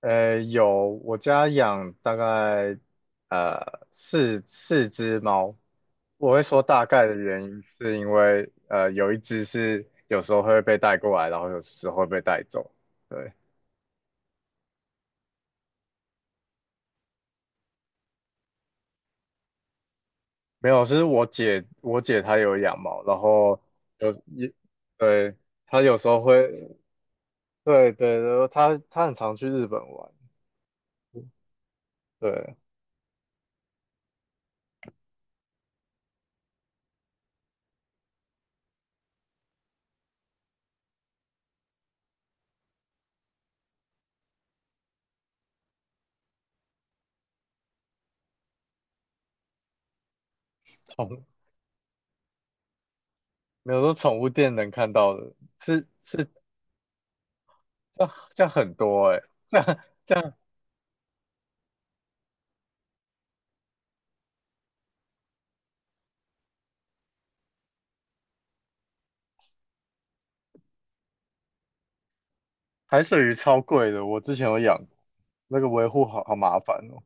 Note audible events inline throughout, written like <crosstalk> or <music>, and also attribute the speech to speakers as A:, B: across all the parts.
A: 有，我家养大概四只猫。我会说大概的原因是因为有一只是有时候会被带过来，然后有时候会被带走。对，没有，是我姐她有养猫，然后有一，对，她有时候会，对对，然后她很常去日本玩。对，宠，没有说宠物店能看到的，是是，这这很多哎、<laughs> 这样海水鱼超贵的，我之前有养过那个维护好好麻烦哦。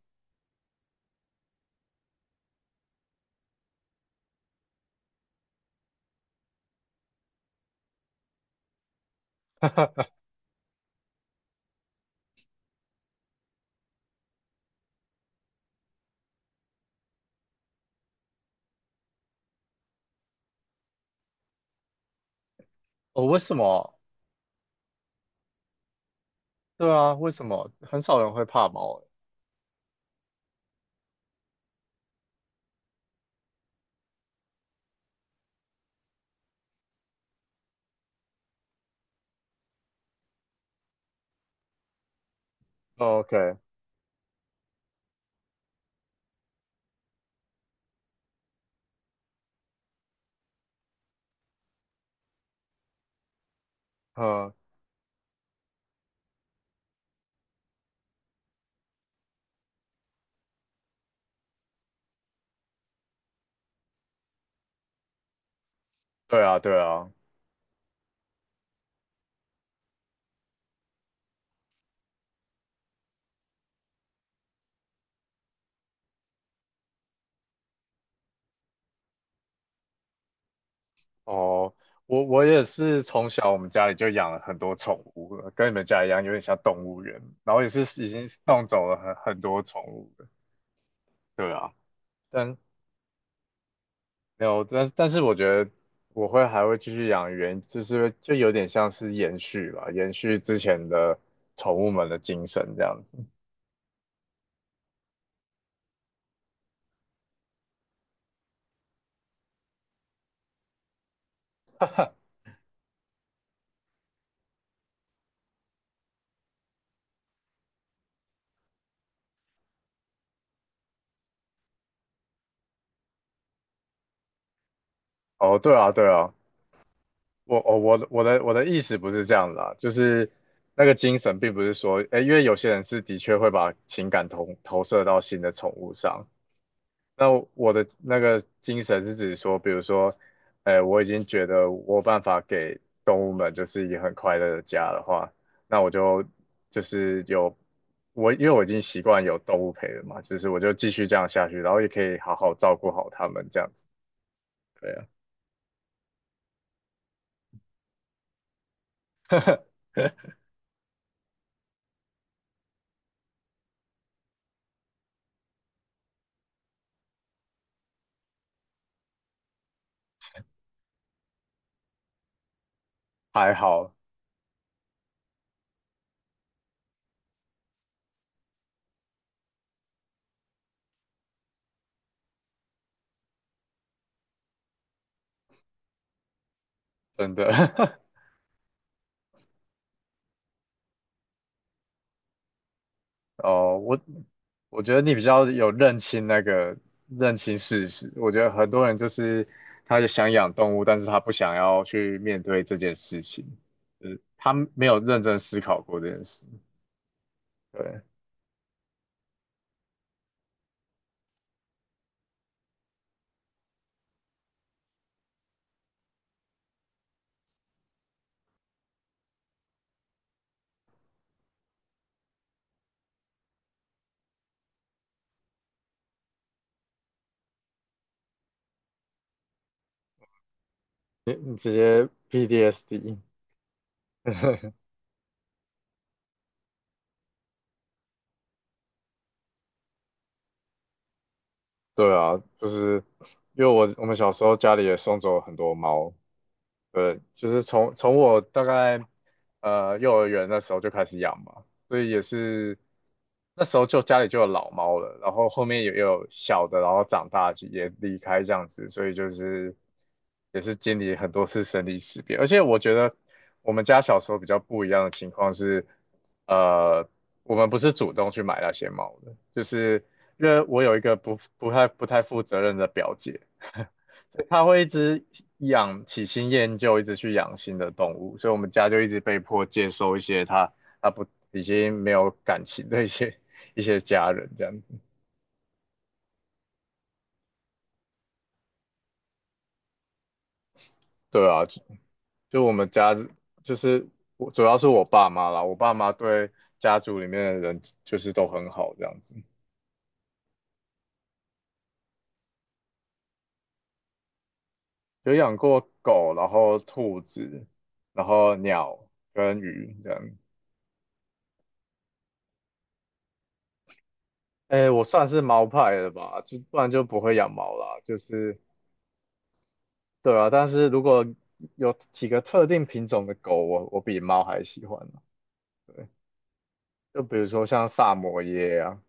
A: <laughs> 哦，为什么？对啊，为什么很少人会怕猫哦？OK，嗯，对啊，对啊。哦，我也是从小我们家里就养了很多宠物了跟你们家一样，有点像动物园，然后也是已经送走了很多宠物了。对啊，但没有，但是我觉得我会还会继续养，就是就有点像是延续吧，延续之前的宠物们的精神这样子。哦，对啊，对啊，我哦我的我的我的意思不是这样啦，就是那个精神并不是说，诶，因为有些人是的确会把情感投射到新的宠物上，那我的那个精神是指说，比如说，诶，我已经觉得我有办法给动物们就是一个很快乐的家的话，那我就是有，因为我已经习惯有动物陪了嘛，就是我就继续这样下去，然后也可以好好照顾好它们这样子。对啊，还好，真的。<laughs> 哦，我觉得你比较有认清事实。我觉得很多人就是他也想养动物，但是他不想要去面对这件事情，就是他没有认真思考过这件事。对，你直接 PDSD <laughs> 对啊，就是因为我们小时候家里也送走很多猫，对，就是从我大概幼儿园那时候就开始养嘛，所以也是那时候就家里就有老猫了，然后后面也有小的，然后长大就也离开这样子，所以就是也是经历很多次生离死别。而且我觉得我们家小时候比较不一样的情况是，呃，我们不是主动去买那些猫的，就是因为我有一个不太负责任的表姐。所以它会一直养起新厌旧，一直去养新的动物，所以我们家就一直被迫接收一些他不已经没有感情的一些家人这样子。对啊，就我们家就是我主要是我爸妈啦，我爸妈对家族里面的人就是都很好这样子，有养过狗，然后兔子，然后鸟跟鱼这样。哎，我算是猫派的吧，就不然就不会养猫啦，就是。对啊，但是如果有几个特定品种的狗，我比猫还喜欢呢，就比如说像萨摩耶啊，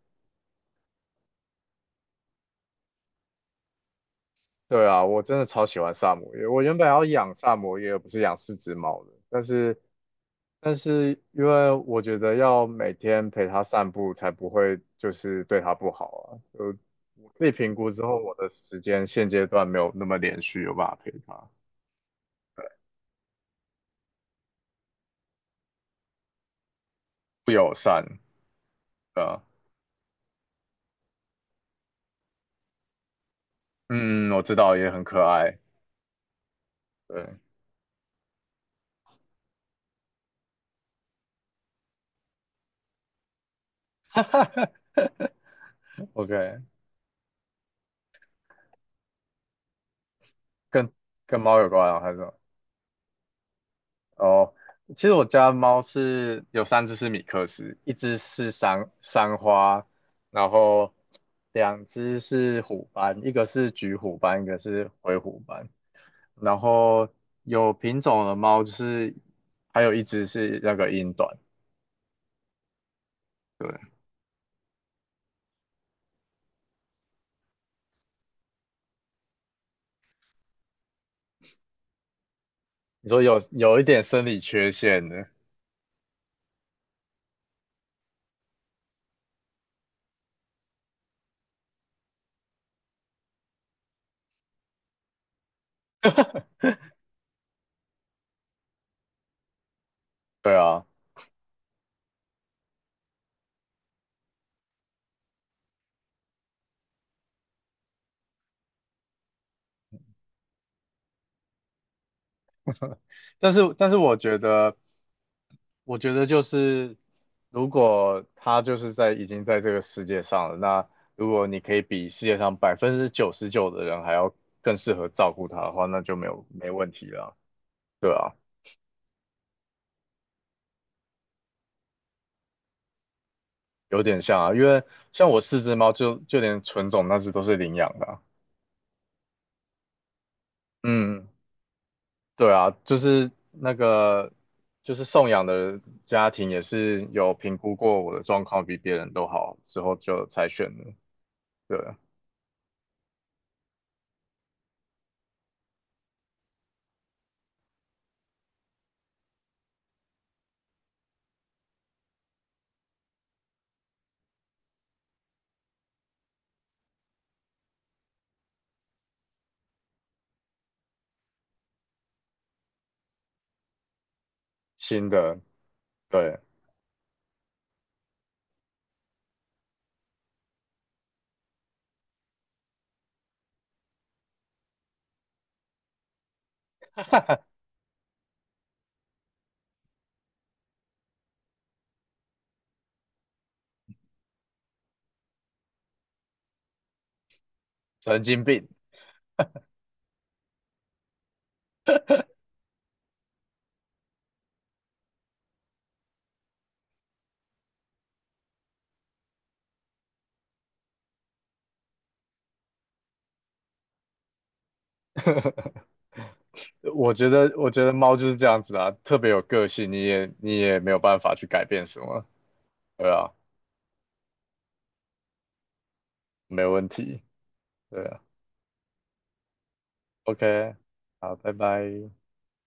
A: 对啊，我真的超喜欢萨摩耶。我原本要养萨摩耶，而不是养四只猫的，但是因为我觉得要每天陪它散步，才不会就是对它不好啊。就我自己评估之后，我的时间现阶段没有那么连续，有办法陪它，不友善，对啊，嗯，我知道，也很可爱，对。<laughs> OK，跟跟猫有关啊，还是什么哦，其实我家猫是有三只是米克斯，一只是三花，然后两只是虎斑，一个是橘虎斑，一个是灰虎斑。然后有品种的猫就是还有一只是那个英短。对，你说有一点生理缺陷的，<laughs> 对啊，但是我觉得。我觉得就是，如果他就是在已经在这个世界上了，那如果你可以比世界上99%的人还要更适合照顾它的话，那就没问题了，对啊，有点像啊，因为像我四只猫就连纯种那只都是领养的啊嗯，对啊，就是送养的家庭也是有评估过我的状况比别人都好之后就才选的，对啊，新的，对，<laughs> 神经病。我觉得猫就是这样子啊，特别有个性，你也没有办法去改变什么，对啊，没问题，对啊，OK，好，拜拜。